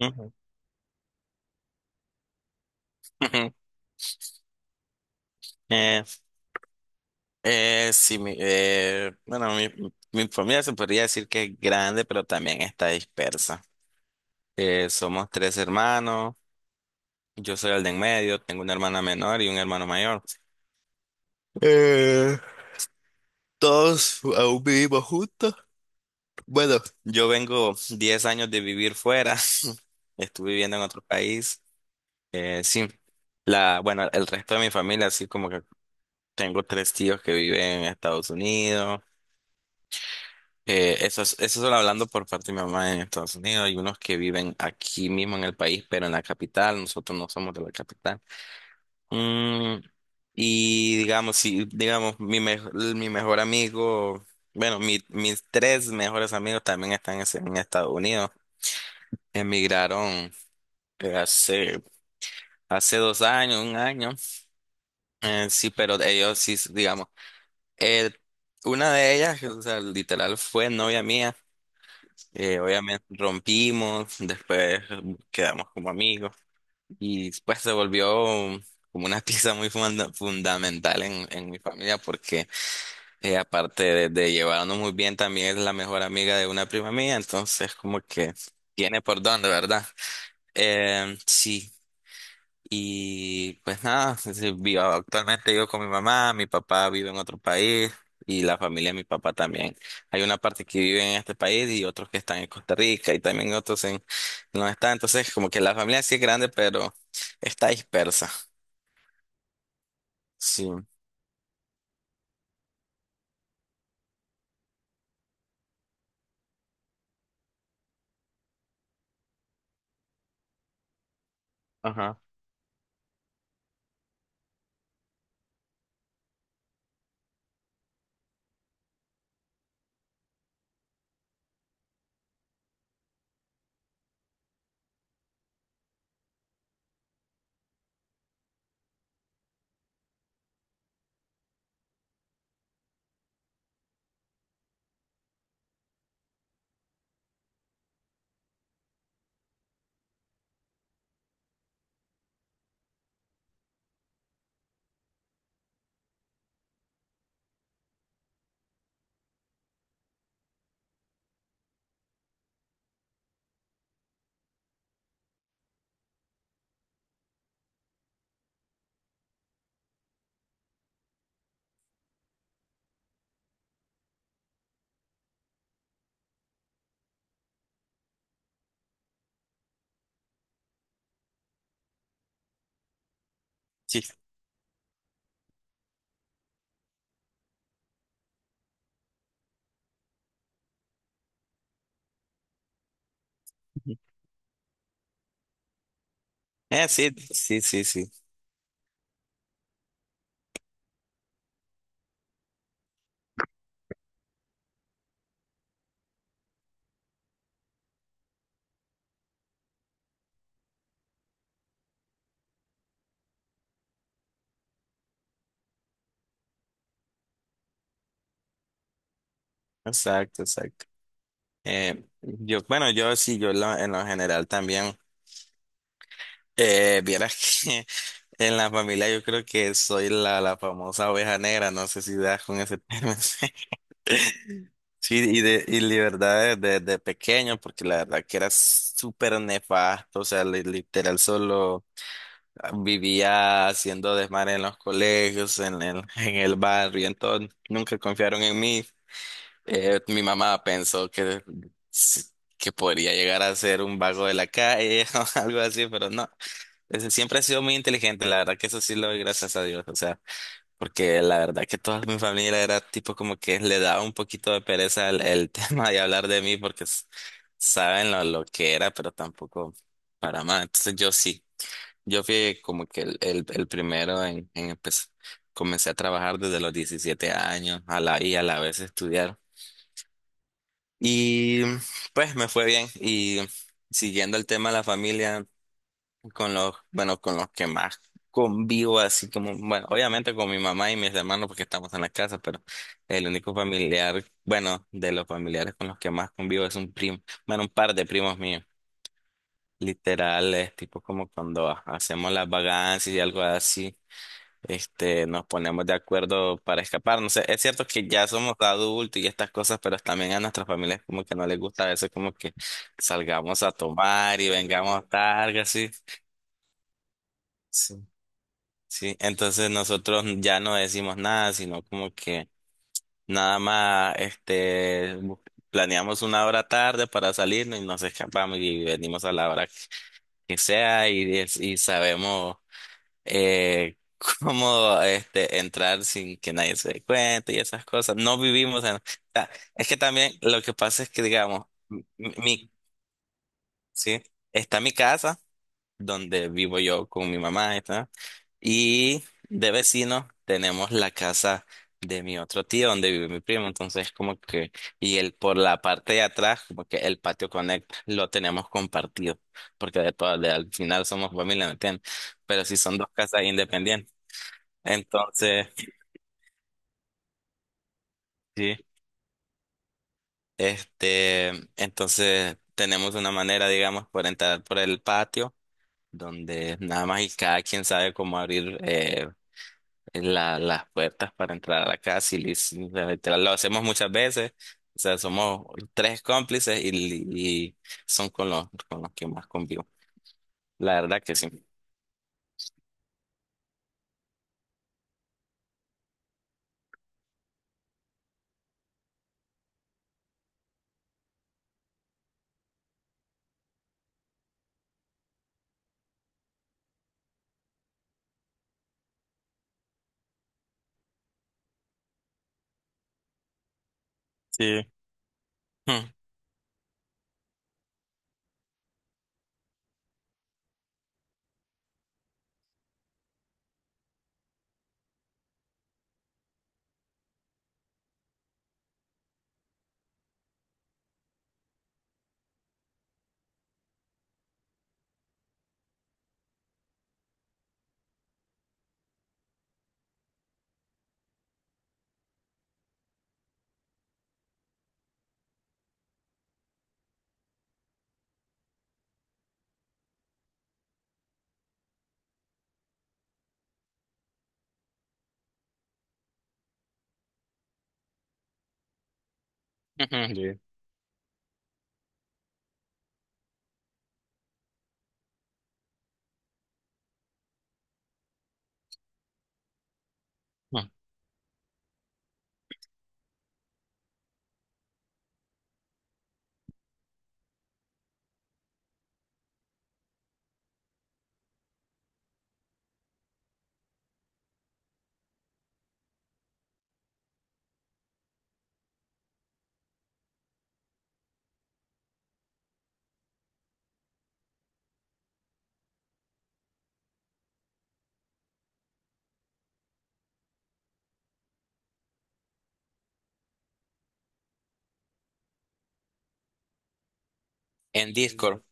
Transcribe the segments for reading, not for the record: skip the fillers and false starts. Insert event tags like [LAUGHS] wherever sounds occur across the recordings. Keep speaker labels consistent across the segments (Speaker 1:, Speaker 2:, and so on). Speaker 1: Ujú, ujú. Eh, sí, bueno, mi familia se podría decir que es grande, pero también está dispersa. Somos tres hermanos, yo soy el de en medio, tengo una hermana menor y un hermano mayor. Eh, Todos aún vivimos juntos. Bueno, yo vengo 10 años de vivir fuera, [LAUGHS] estuve viviendo en otro país. Sí, el resto de mi familia, así como que tengo tres tíos que viven en Estados Unidos. Eso solo hablando por parte de mi mamá en Estados Unidos. Hay unos que viven aquí mismo en el país, pero en la capital. Nosotros no somos de la capital. Mm, y digamos, si, digamos, mi, me- mi mejor amigo, bueno, mis tres mejores amigos también están en Estados Unidos. Emigraron, eh, hace, hace 2 años, 1 año. Sí, pero ellos sí, digamos, eh, una de ellas, o sea, literal fue novia mía. Obviamente rompimos, después quedamos como amigos y pues se volvió como una [LAUGHS] pieza muy fundamental en mi familia porque aparte de llevarnos muy bien también es la mejor amiga de una prima mía, entonces como que tiene por dónde, ¿verdad? Sí. Y pues nada, sí, sí, actualmente vivo con mi mamá, mi papá vive en otro país y la familia de mi papá también. Hay una parte que vive en este país y otros que están en Costa Rica y también otros en no está. Entonces, como que la familia sí es grande, pero está dispersa. Sí. Ajá. Sí. Sí, sí, sí, sí. Exacto, exacto. Bueno, yo sí, en lo general también. Vieras que [LAUGHS] en la familia yo creo que soy la famosa oveja negra, no sé si das con ese término. [LAUGHS] Sí, y la verdad desde pequeño, porque la verdad que era súper nefasto, o sea, literal solo vivía haciendo desmar en los colegios, en el barrio, entonces nunca confiaron en mí. Mi mamá pensó que podría llegar a ser un vago de la calle [LAUGHS] o algo así, pero no. Ese siempre ha sido muy inteligente, la verdad que eso sí lo doy gracias a Dios, o sea, porque la verdad que toda mi familia era tipo como que le daba un poquito de pereza el [LAUGHS] tema de hablar de mí porque saben lo que era, pero tampoco para más. Entonces yo sí, yo fui como que el primero en empezar. Comencé a trabajar desde los 17 años y a la vez estudiar. Y pues me fue bien y siguiendo el tema de la familia bueno, con los que más convivo, así como, bueno, obviamente con mi mamá y mis hermanos porque estamos en la casa, pero el único familiar, bueno, de los familiares con los que más convivo es un primo, bueno, un par de primos míos, literales, tipo como cuando hacemos las vagancias y algo así. Nos ponemos de acuerdo para escapar. No sé, es cierto que ya somos adultos y estas cosas, pero también a nuestras familias como que no les gusta a veces como que salgamos a tomar y vengamos tarde, así. Sí. Sí, entonces nosotros ya no decimos nada, sino como que nada más planeamos una hora tarde para salirnos y nos escapamos y venimos a la hora que sea y, y sabemos eh, [LAUGHS] cómo entrar sin que nadie se dé cuenta y esas cosas. No vivimos en... O es que también lo que pasa es que, digamos, mi, sí, está mi casa donde vivo yo con mi mamá, ¿está? Y de vecino tenemos la casa de mi otro tío donde vive mi primo. Entonces, como que, y él por la parte de atrás, como que el patio Connect lo tenemos compartido, porque de todo, al final somos familia, ¿me entiendes? Pero sí son dos casas independientes. Entonces, sí, este, entonces tenemos una manera, digamos, por entrar por el patio, donde nada más y cada quien sabe cómo abrir las puertas para entrar a la casa y literal, lo hacemos muchas veces. O sea, somos tres cómplices y son con los que más convivo. La verdad que sí. Sí. Mm, ujú. Sí. Mm. En Discord,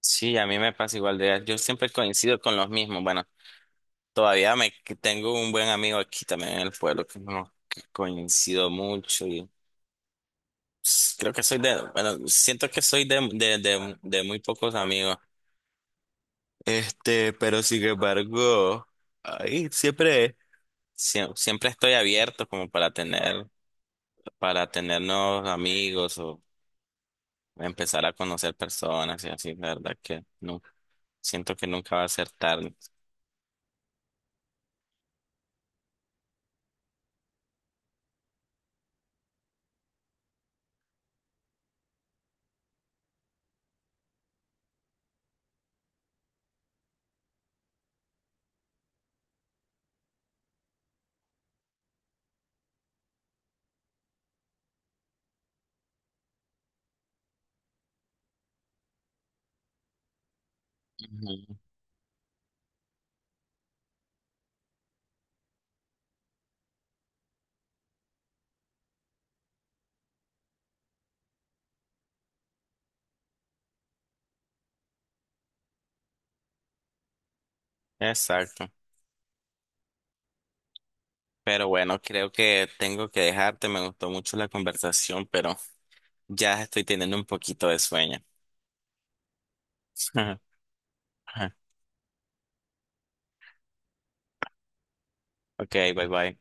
Speaker 1: sí, a mí me pasa igual de yo siempre coincido con los mismos. Bueno, todavía me que tengo un buen amigo aquí también en el pueblo que no que coincido mucho y creo que soy de, bueno, siento que de muy pocos amigos. Pero sin embargo, ahí siempre, siempre estoy abierto como para tener, nuevos amigos o empezar a conocer personas y así, la verdad que no, siento que nunca va a ser tarde. Ujú. Exacto. Pero bueno, creo que tengo que dejarte. Me gustó mucho la conversación, pero ya estoy teniendo un poquito de sueño. [LAUGHS] Ok, bye bye.